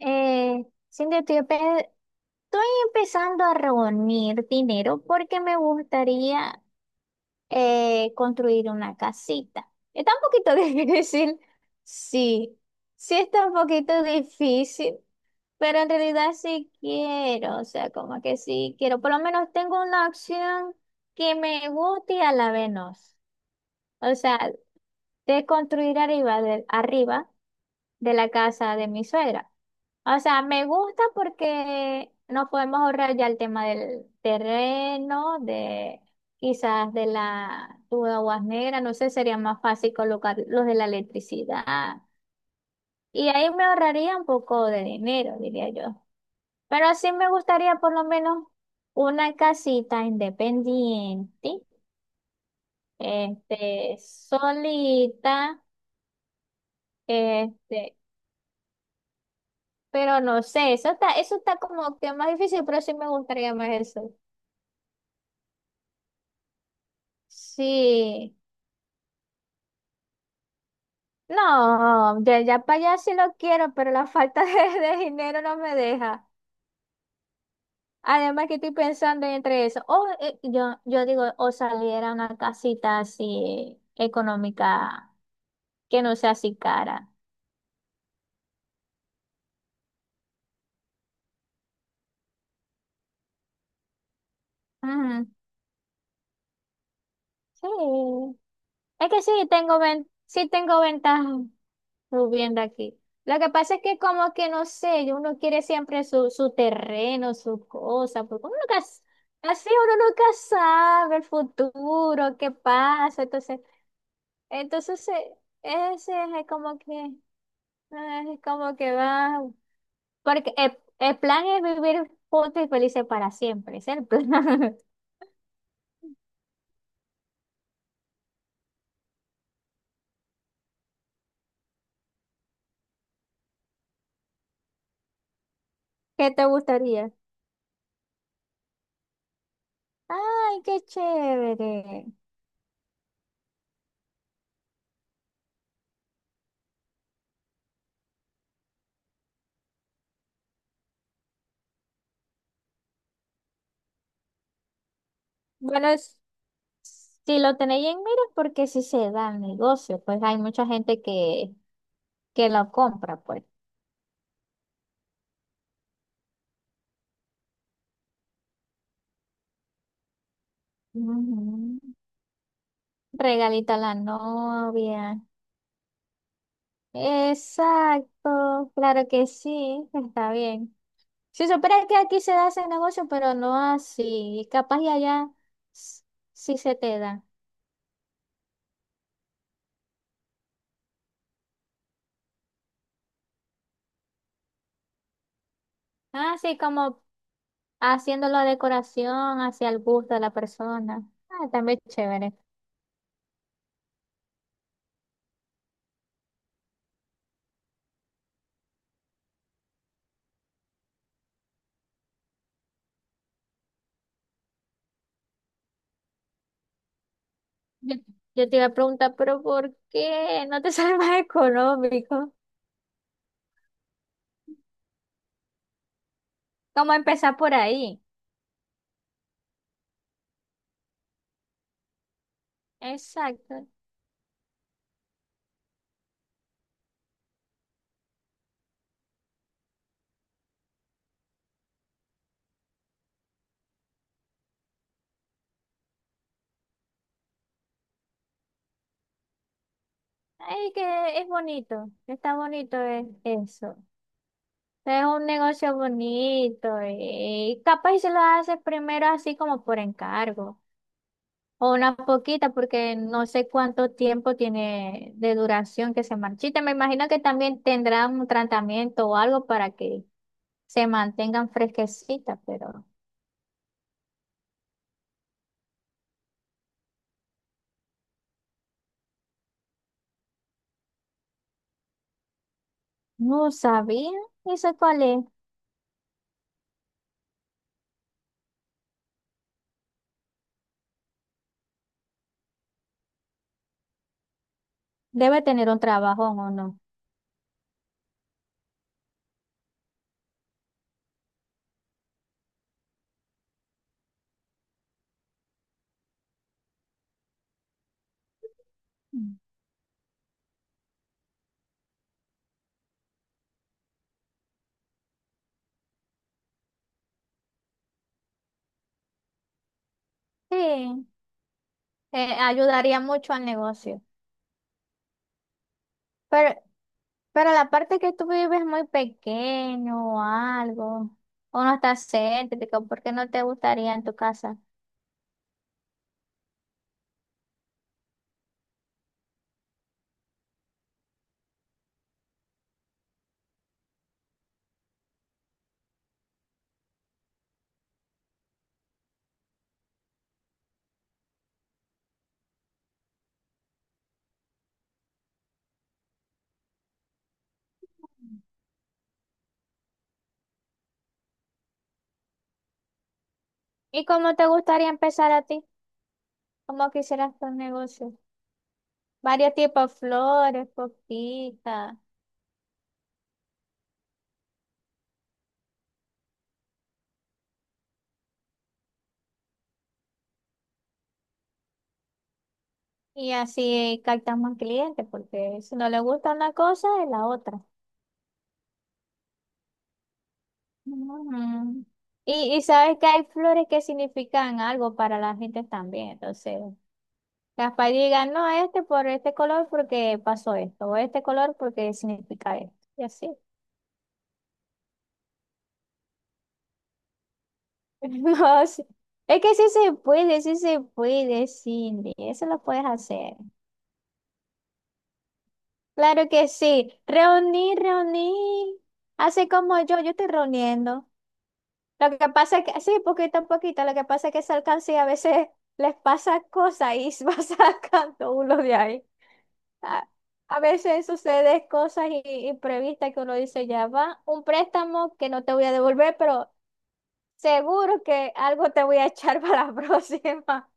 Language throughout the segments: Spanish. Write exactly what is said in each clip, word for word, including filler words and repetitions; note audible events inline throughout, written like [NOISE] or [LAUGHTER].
Eh, Cintia, estoy, ape- estoy empezando a reunir dinero porque me gustaría eh, construir una casita. Está un poquito [LAUGHS] difícil, sí, sí está un poquito difícil, pero en realidad sí quiero, o sea, como que sí quiero. Por lo menos tengo una opción que me guste y a la vez no. O sea, de construir arriba, de- arriba de la casa de mi suegra. O sea, me gusta porque nos podemos ahorrar ya el tema del terreno, de quizás de la tuba guasnera, no sé, sería más fácil colocar los de la electricidad. Y ahí me ahorraría un poco de dinero, diría yo. Pero sí me gustaría por lo menos una casita independiente, este, solita, este, pero no sé, eso está, eso está como que más difícil, pero sí me gustaría más eso. Sí. No, ya, ya para allá sí lo quiero, pero la falta [LAUGHS] de, de dinero no me deja. Además que estoy pensando entre eso. O eh, yo, yo digo, o saliera una casita así económica que no sea así cara. Ujú. Sí. Es que sí tengo ven, sí tengo ventaja. Subiendo aquí. Lo que pasa es que como que no sé, uno quiere siempre su, su terreno, su cosa, porque uno nunca, s- así uno nunca sabe el futuro, qué pasa, entonces, entonces eh, ese es como que, eh, es como que va, porque el, el plan es vivir juntos y felices para siempre, ese es el plan. [LAUGHS] ¿Qué te gustaría? Ay, qué chévere. Bueno, si lo tenéis en mira, porque si se da el negocio, pues hay mucha gente que, que lo compra, pues. Ujú. Regalito a la novia. Exacto, claro que sí, está bien. Si supieras que aquí se da ese negocio, pero no así. Capaz y allá s- sí se te da. Así como haciendo la decoración hacia el gusto de la persona. Ah, también chévere. Yo, yo te iba a preguntar, pero ¿por qué no te [LAUGHS] sale más económico? ¿Cómo empezar por ahí? Exacto. Ay, que es bonito, está bonito es eso. Es un negocio bonito y capaz y se lo haces primero así como por encargo o una poquita porque no sé cuánto tiempo tiene de duración que se marchita. Me imagino que también tendrán un tratamiento o algo para que se mantengan fresquecitas, pero... No sabía. ¿Eso cuál es? Debe tener un trabajón o no. Mm. Sí, eh, ayudaría mucho al negocio. Pero, pero la parte que tú vives es muy pequeño o algo, o no está céntrico, ¿por qué no te gustaría en tu casa? ¿Y cómo te gustaría empezar a ti? ¿Cómo quisieras tu negocio? Varios tipos de flores, coquitas, y así captas más clientes, porque si no le gusta una cosa, es la otra. Ujú. Y, y sabes que hay flores que significan algo para las gentes también. Entonces, capaz digan, no, este por este color porque pasó esto, o este color porque significa esto. Y así. [LAUGHS] No, sí. Es que sí se puede, sí se puede, Cindy. Eso lo puedes hacer. Claro que sí. Reunir, reunir. Así como yo, yo estoy reuniendo. Lo que pasa es que, sí, poquito a poquito, lo que pasa es que esa alcancía a veces les pasa cosas y [LAUGHS] se va sacando uno de ahí. A, a veces sucede cosas i- imprevistas que uno dice, ya va, un préstamo que no te voy a devolver, pero seguro que algo te voy a echar [LAUGHS] para la próxima.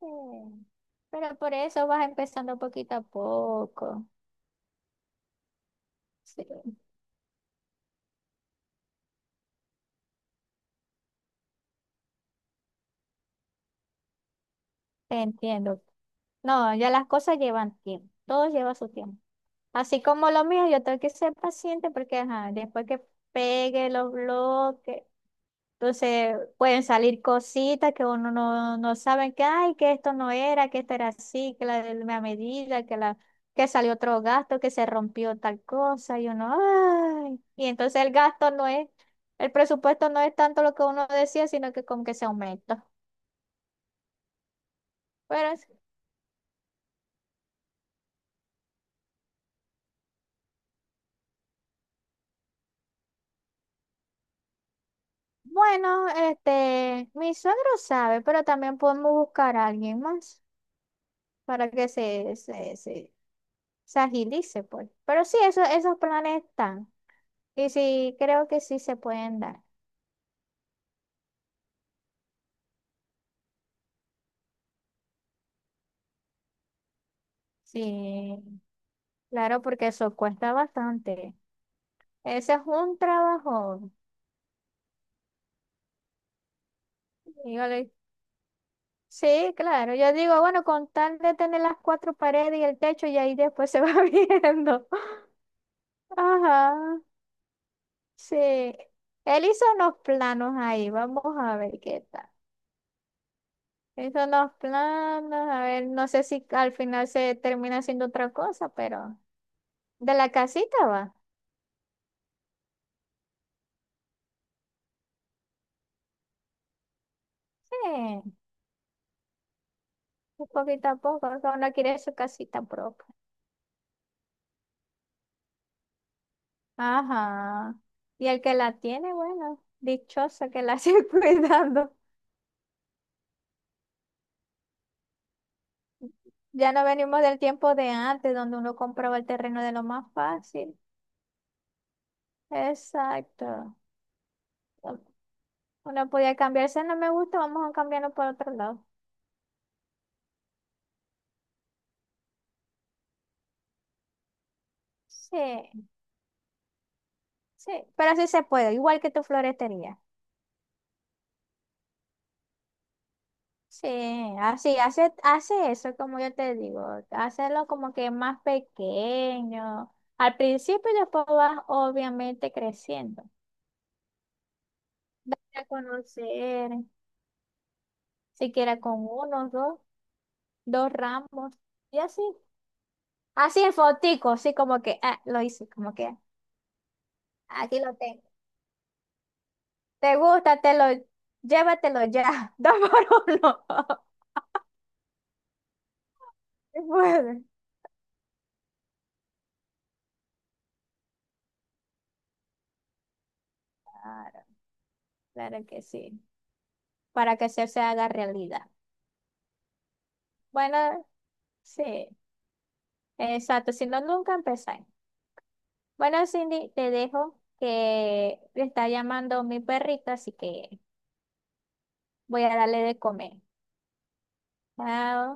Mm. Pero por eso vas empezando poquito a poco. Sí, entiendo. No, ya las cosas llevan tiempo. Todo lleva su tiempo. Así como lo mío, yo tengo que ser paciente porque ajá, después que pegue los bloques, entonces pueden salir cositas que uno no, no sabe que, ay, que esto no era, que esto era así, que la, la medida, que la, que salió otro gasto, que se rompió tal cosa, y uno, ay, y entonces el gasto no es, el presupuesto no es tanto lo que uno decía, sino que como que se aumenta. Pero bueno, este, mi suegro sabe, pero también podemos buscar a alguien más para que se, se, se, se agilice, pues. Pero sí, eso, esos planes están. Y sí, creo que sí se pueden dar. Sí, claro, porque eso cuesta bastante. Ese es un trabajo. Dígale. Sí, claro. Yo digo, bueno, con tal de tener las cuatro paredes y el techo, y ahí después se va [LAUGHS] viendo. Ajá. Sí, él hizo unos planos ahí, vamos a ver qué tal. Hizo unos planos, a ver, no sé si al final se termina haciendo otra cosa, pero de la casita va. Sí, un poquito a poco, cada uno quiere su casita propia. Ajá. Y el que la tiene, bueno, dichosa que la [LAUGHS] sigue cuidando. Ya no venimos del tiempo de antes, donde uno compraba el terreno de lo más fácil. Exacto. Uno podía cambiarse, no me gusta, vamos a cambiarlo por otro lado. Sí, sí, pero sí se puede, igual que tu florestería. Sí, así, hace, hace eso, como yo te digo, hacerlo como que más pequeño al principio y después vas obviamente creciendo. Date a conocer, siquiera con uno, dos, dos ramos y así. Así en fotico, así como que, ah, lo hice, como que ah, aquí lo tengo. Te gusta, te lo, llévatelo ya, [LAUGHS] dos por uno. [LAUGHS] Se puede. Claro, claro que sí, para que se, se haga realidad. Bueno, sí, exacto, si no, nunca empezáis. Bueno, Cindy, te dejo que me está llamando mi perrito, así que voy a darle de comer. Chao.